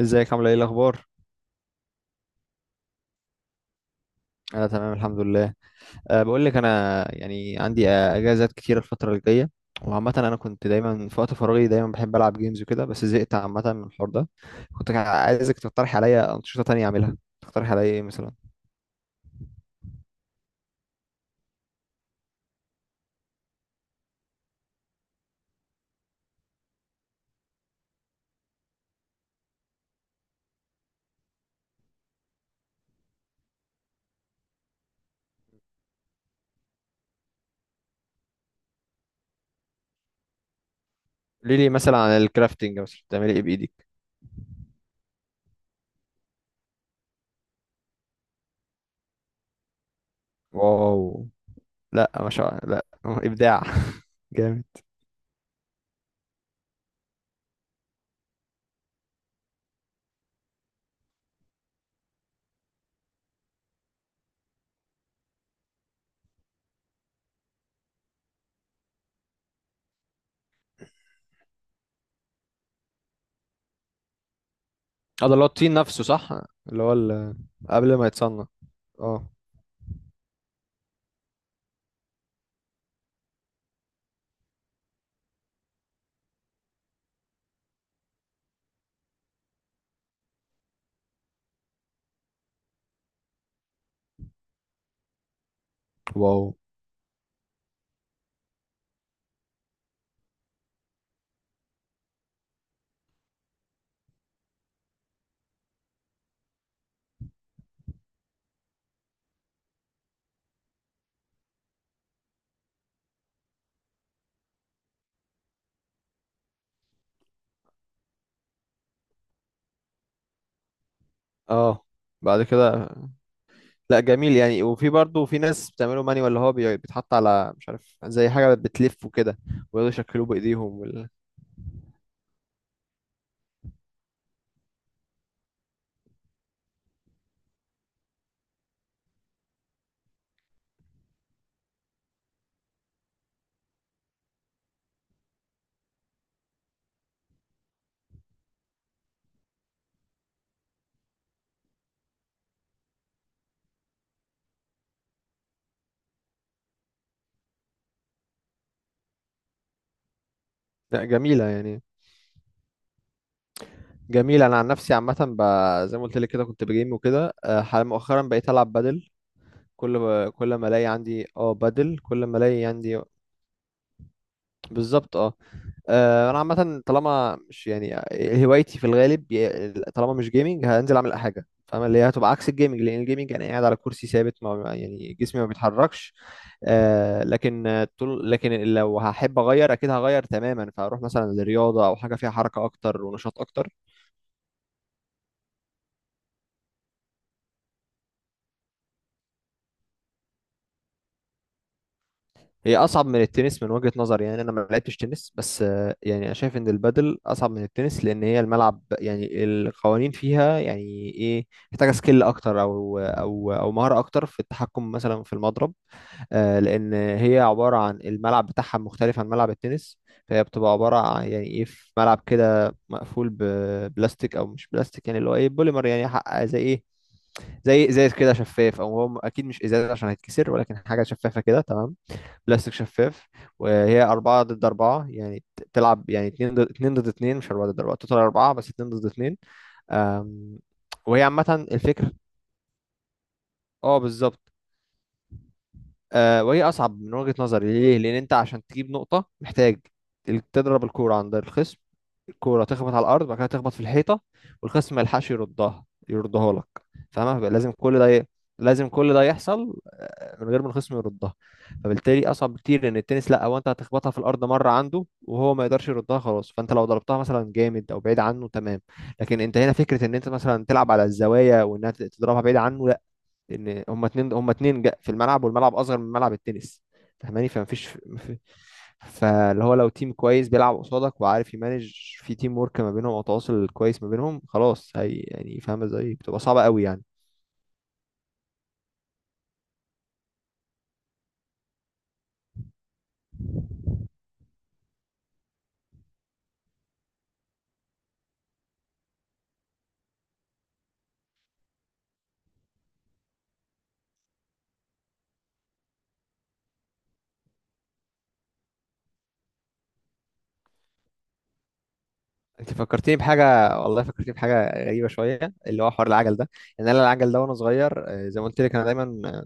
ازيك، عامله ايه الاخبار؟ انا تمام الحمد لله. أه بقول لك انا يعني عندي اجازات كتيره الفتره الجايه. وعامه انا كنت دايما في وقت فراغي دايما بحب العب جيمز وكده، بس زهقت عامه من الحوار ده. كنت عايزك تقترح عليا انشطه تانية اعملها، تقترح عليا ايه مثلا؟ قولي لي مثلا عن الكرافتنج، مثلا بتعملي ايه بايدك؟ واو. لا ما شاء الله، لا ابداع. جامد. اه، ده اللي هو الطين نفسه، صح؟ اللي هو قبل ما يتصنع. اه. واو. اه. بعد كده. لا جميل يعني، وفي برضه في ناس بتعمله ماني اللي هو بيتحط على مش عارف، زي حاجة بتلف وكده. ويقعدوا يشكلوه بإيديهم لا جميلة يعني. جميلة، أنا عن نفسي عامة زي ما قلت لك كده، كنت بجيم وكده، مؤخرا بقيت ألعب بادل. كل ما ألاقي عندي اه بادل، كل ما ألاقي عندي. بالظبط، اه. انا عامه طالما مش يعني هوايتي في الغالب، طالما مش جيمنج هنزل اعمل حاجه، فاهم؟ اللي هي هتبقى عكس الجيمنج، لان الجيمنج انا قاعد على كرسي ثابت، ما يعني جسمي ما بيتحركش. لكن طول، لكن لو هحب اغير اكيد هغير تماما، فاروح مثلا للرياضه او حاجه فيها حركه اكتر ونشاط اكتر. هي اصعب من التنس من وجهة نظري يعني، انا ما لعبتش تنس، بس يعني انا شايف ان البادل اصعب من التنس، لان هي الملعب يعني القوانين فيها يعني ايه، محتاجه سكيل اكتر او مهاره اكتر في التحكم مثلا في المضرب. لان هي عباره عن الملعب بتاعها مختلف عن ملعب التنس. فهي بتبقى عباره عن يعني ايه، في ملعب كده مقفول ببلاستيك او مش بلاستيك يعني اللي هو ايه بوليمر يعني، زي ايه، زي ازاز كده شفاف، او هو اكيد مش ازاز عشان هيتكسر، ولكن حاجه شفافه كده، تمام. بلاستيك شفاف. وهي أربعة ضد أربعة يعني، تلعب يعني اتنين ضد اتنين مش أربعة ضد أربعة، توتال أربعة بس اتنين ضد اتنين. أم، وهي عامة الفكر. اه، بالظبط. وهي أصعب من وجهة نظري، ليه؟ لأن أنت عشان تجيب نقطة محتاج تضرب الكورة عند الخصم، الكوره تخبط على الارض، بعد كده تخبط في الحيطه، والخصم ما يلحقش يردها يردها لك، فاهمها؟ فبقى لازم كل ده لازم كل ده يحصل من غير ما الخصم يردها. فبالتالي اصعب بكتير، لان التنس لا، هو انت هتخبطها في الارض مره عنده وهو ما يقدرش يردها، خلاص، فانت لو ضربتها مثلا جامد او بعيد عنه، تمام. لكن انت هنا فكره ان انت مثلا تلعب على الزوايا، وانها تضربها بعيد عنه، لا. ان هما اتنين في الملعب، والملعب اصغر من ملعب التنس، فاهماني؟ فمفيش. فاللي هو لو تيم كويس بيلعب قصادك وعارف يمانج، في تيم ورك ما بينهم او تواصل كويس ما بينهم، خلاص هي يعني فاهمه ازاي بتبقى صعبه قوي يعني. انت فكرتني بحاجه، والله فكرتني بحاجه غريبه شويه، اللي هو حوار العجل ده. ان انا العجل ده وانا صغير، زي ما قلت لك انا دايما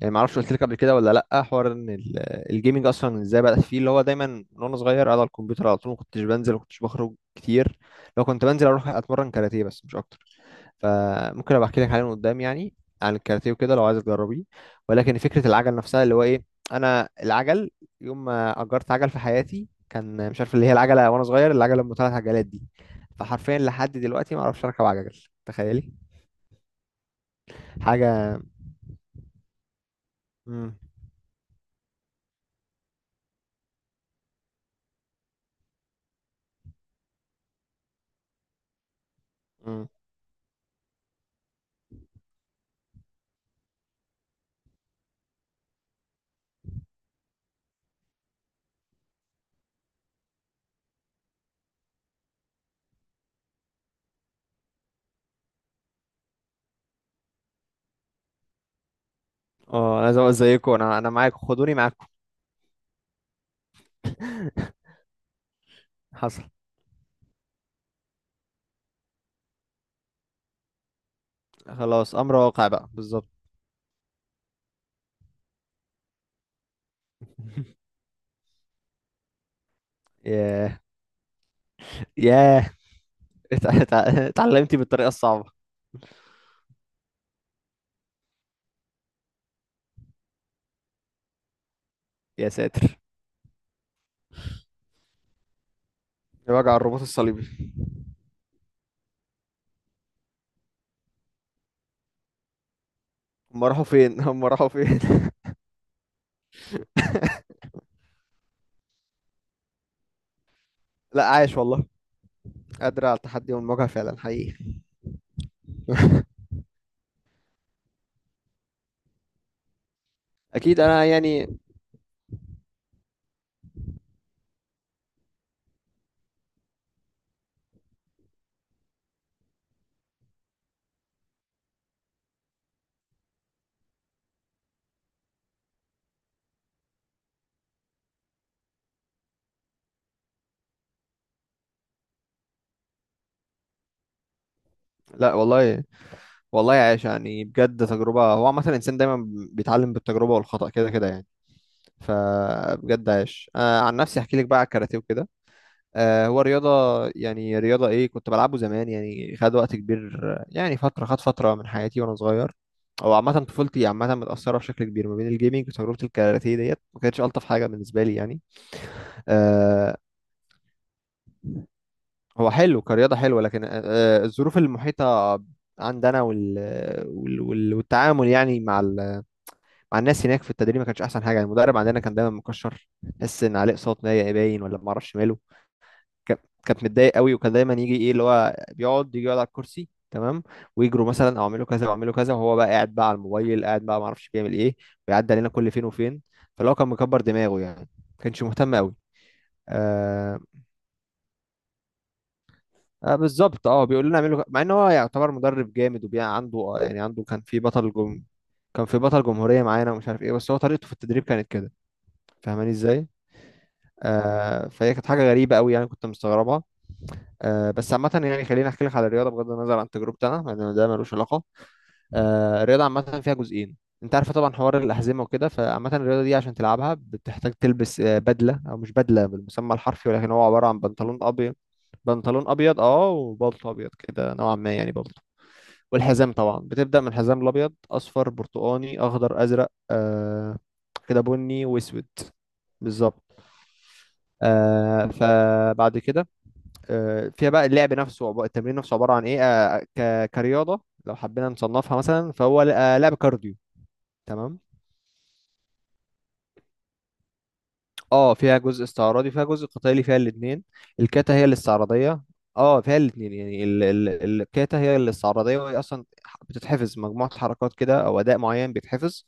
يعني ما اعرفش قلت لك قبل كده ولا لا حوار ان الجيمنج اصلا ازاي بدات فيه، اللي هو دايما من وانا صغير قاعد على الكمبيوتر على طول، ما كنتش بنزل، ما كنتش بخرج كتير. لو كنت بنزل اروح اتمرن كاراتيه، بس مش اكتر. فممكن ابقى احكي لك عليه من قدام يعني، عن الكاراتيه وكده لو عايز تجربيه. ولكن فكره العجل نفسها اللي هو ايه، انا العجل يوم ما اجرت عجل في حياتي كان مش عارف، اللي هي العجله وانا صغير، العجله ام 3 عجلات دي. فحرفيا لحد دلوقتي ما اعرفش اركب عجل، تخيلي! حاجه. امم امم اه، انا زيكم، انا معاكم، خدوني معاكم. حصل، خلاص، امر واقع بقى، بالظبط. ياه. ياه. اتعلمتي بالطريقه الصعبه. يا ساتر! وجع الرباط الصليبي. هم راحوا فين؟ هم راحوا فين؟ لا عايش والله، قادر على التحدي والمواجهة فعلا حقيقي. اكيد انا يعني. لا والله، والله عايش يعني، بجد تجربة، هو عامة الانسان دايما بيتعلم بالتجربة والخطأ كده كده يعني. فبجد عايش، أنا عن نفسي احكي لك بقى على الكاراتيه وكده. هو رياضة، يعني رياضة ايه، كنت بلعبه زمان يعني، خد وقت كبير يعني فترة، خد فترة من حياتي وانا صغير. او عامة طفولتي عامة متأثرة بشكل كبير ما بين الجيمنج وتجربة الكاراتيه، ديت ما كانتش ألطف حاجة بالنسبة لي يعني. آه، هو حلو كرياضة حلوة، لكن الظروف المحيطة عندنا وال... وال... وال... والتعامل يعني مع الناس هناك في التدريب ما كانش أحسن حاجة يعني، المدرب عندنا كان دايما مكشر، تحس إن عليه إقساط نايق باين، ولا ما أعرفش ماله. ك... كانت متضايق قوي، وكان دايما يجي إيه اللي هو بيقعد يجي يقعد على الكرسي، تمام، ويجروا مثلا أو أعملوا كذا وأعملوا كذا، وهو بقى قاعد بقى على الموبايل، قاعد بقى ما أعرفش بيعمل إيه، ويعدي علينا كل فين وفين. فلو كان مكبر دماغه يعني، ما كانش مهتم قوي. بالظبط اه، بيقول لنا اعملوا مع ان هو يعتبر مدرب جامد وبيع عنده، يعني عنده كان في بطل كان في بطل جمهورية معانا ومش عارف ايه، بس هو طريقته في التدريب كانت كده، فاهماني ازاي؟ فهي كانت حاجة غريبة قوي يعني، كنت مستغربها. بس عامة يعني، خليني احكي لك على الرياضة بغض النظر عن تجربتي انا لان ده ملوش علاقة. الرياضة عامة فيها جزئين، انت عارف طبعا حوار الأحزمة وكده، فعامة الرياضة دي عشان تلعبها بتحتاج تلبس بدلة او مش بدلة بالمسمى الحرفي، ولكن هو عبارة عن بنطلون ابيض. بنطلون ابيض اه، وبلطو ابيض كده نوعا ما يعني، بلطو. والحزام طبعا بتبدأ من الحزام الأبيض، أصفر، برتقاني، أخضر، أزرق، كده، بني وأسود. بالظبط. فبعد كده، فيها بقى اللعب نفسه، التمرين نفسه عبارة عن إيه، كرياضة لو حبينا نصنفها مثلا، فهو لعب كارديو، تمام. اه فيها جزء استعراضي فيها جزء قتالي فيها الاتنين. الكاتا هي الاستعراضية. اه فيها الاتنين يعني ال ال الكاتا هي الاستعراضية، وهي أصلا بتتحفظ مجموعة حركات كده، أو أداء معين بيتحفظ.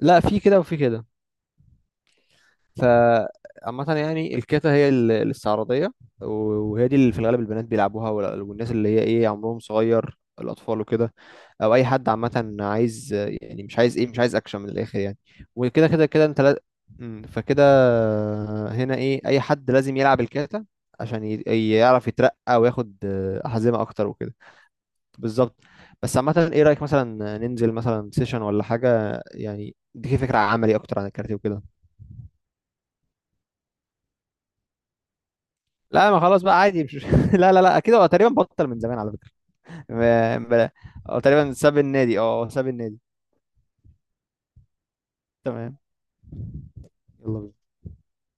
لا في كده وفي كده. فعامة يعني الكاتا هي الاستعراضية، وهي دي اللي في الغالب البنات بيلعبوها، والناس اللي هي ايه عمرهم صغير، الأطفال وكده، أو أي حد عامة عايز، يعني مش عايز ايه، مش عايز أكشن من الآخر يعني، وكده كده كده، أنت لا. فكده هنا ايه، أي حد لازم يلعب الكاتا عشان يعرف يترقى وياخد أحزمة أكتر وكده. بالظبط. بس عامة، ايه رأيك مثلا ننزل مثلا سيشن ولا حاجة؟ يعني دي فكرة عملي أكتر عن الكاراتيه وكده. لا ما خلاص بقى عادي مش... لا، لا، لا، كده هو تقريبا بطل من زمان على فكرة. ب- ب- هو تقريبا ساب النادي، اه هو ساب النادي. تمام. يلا بينا.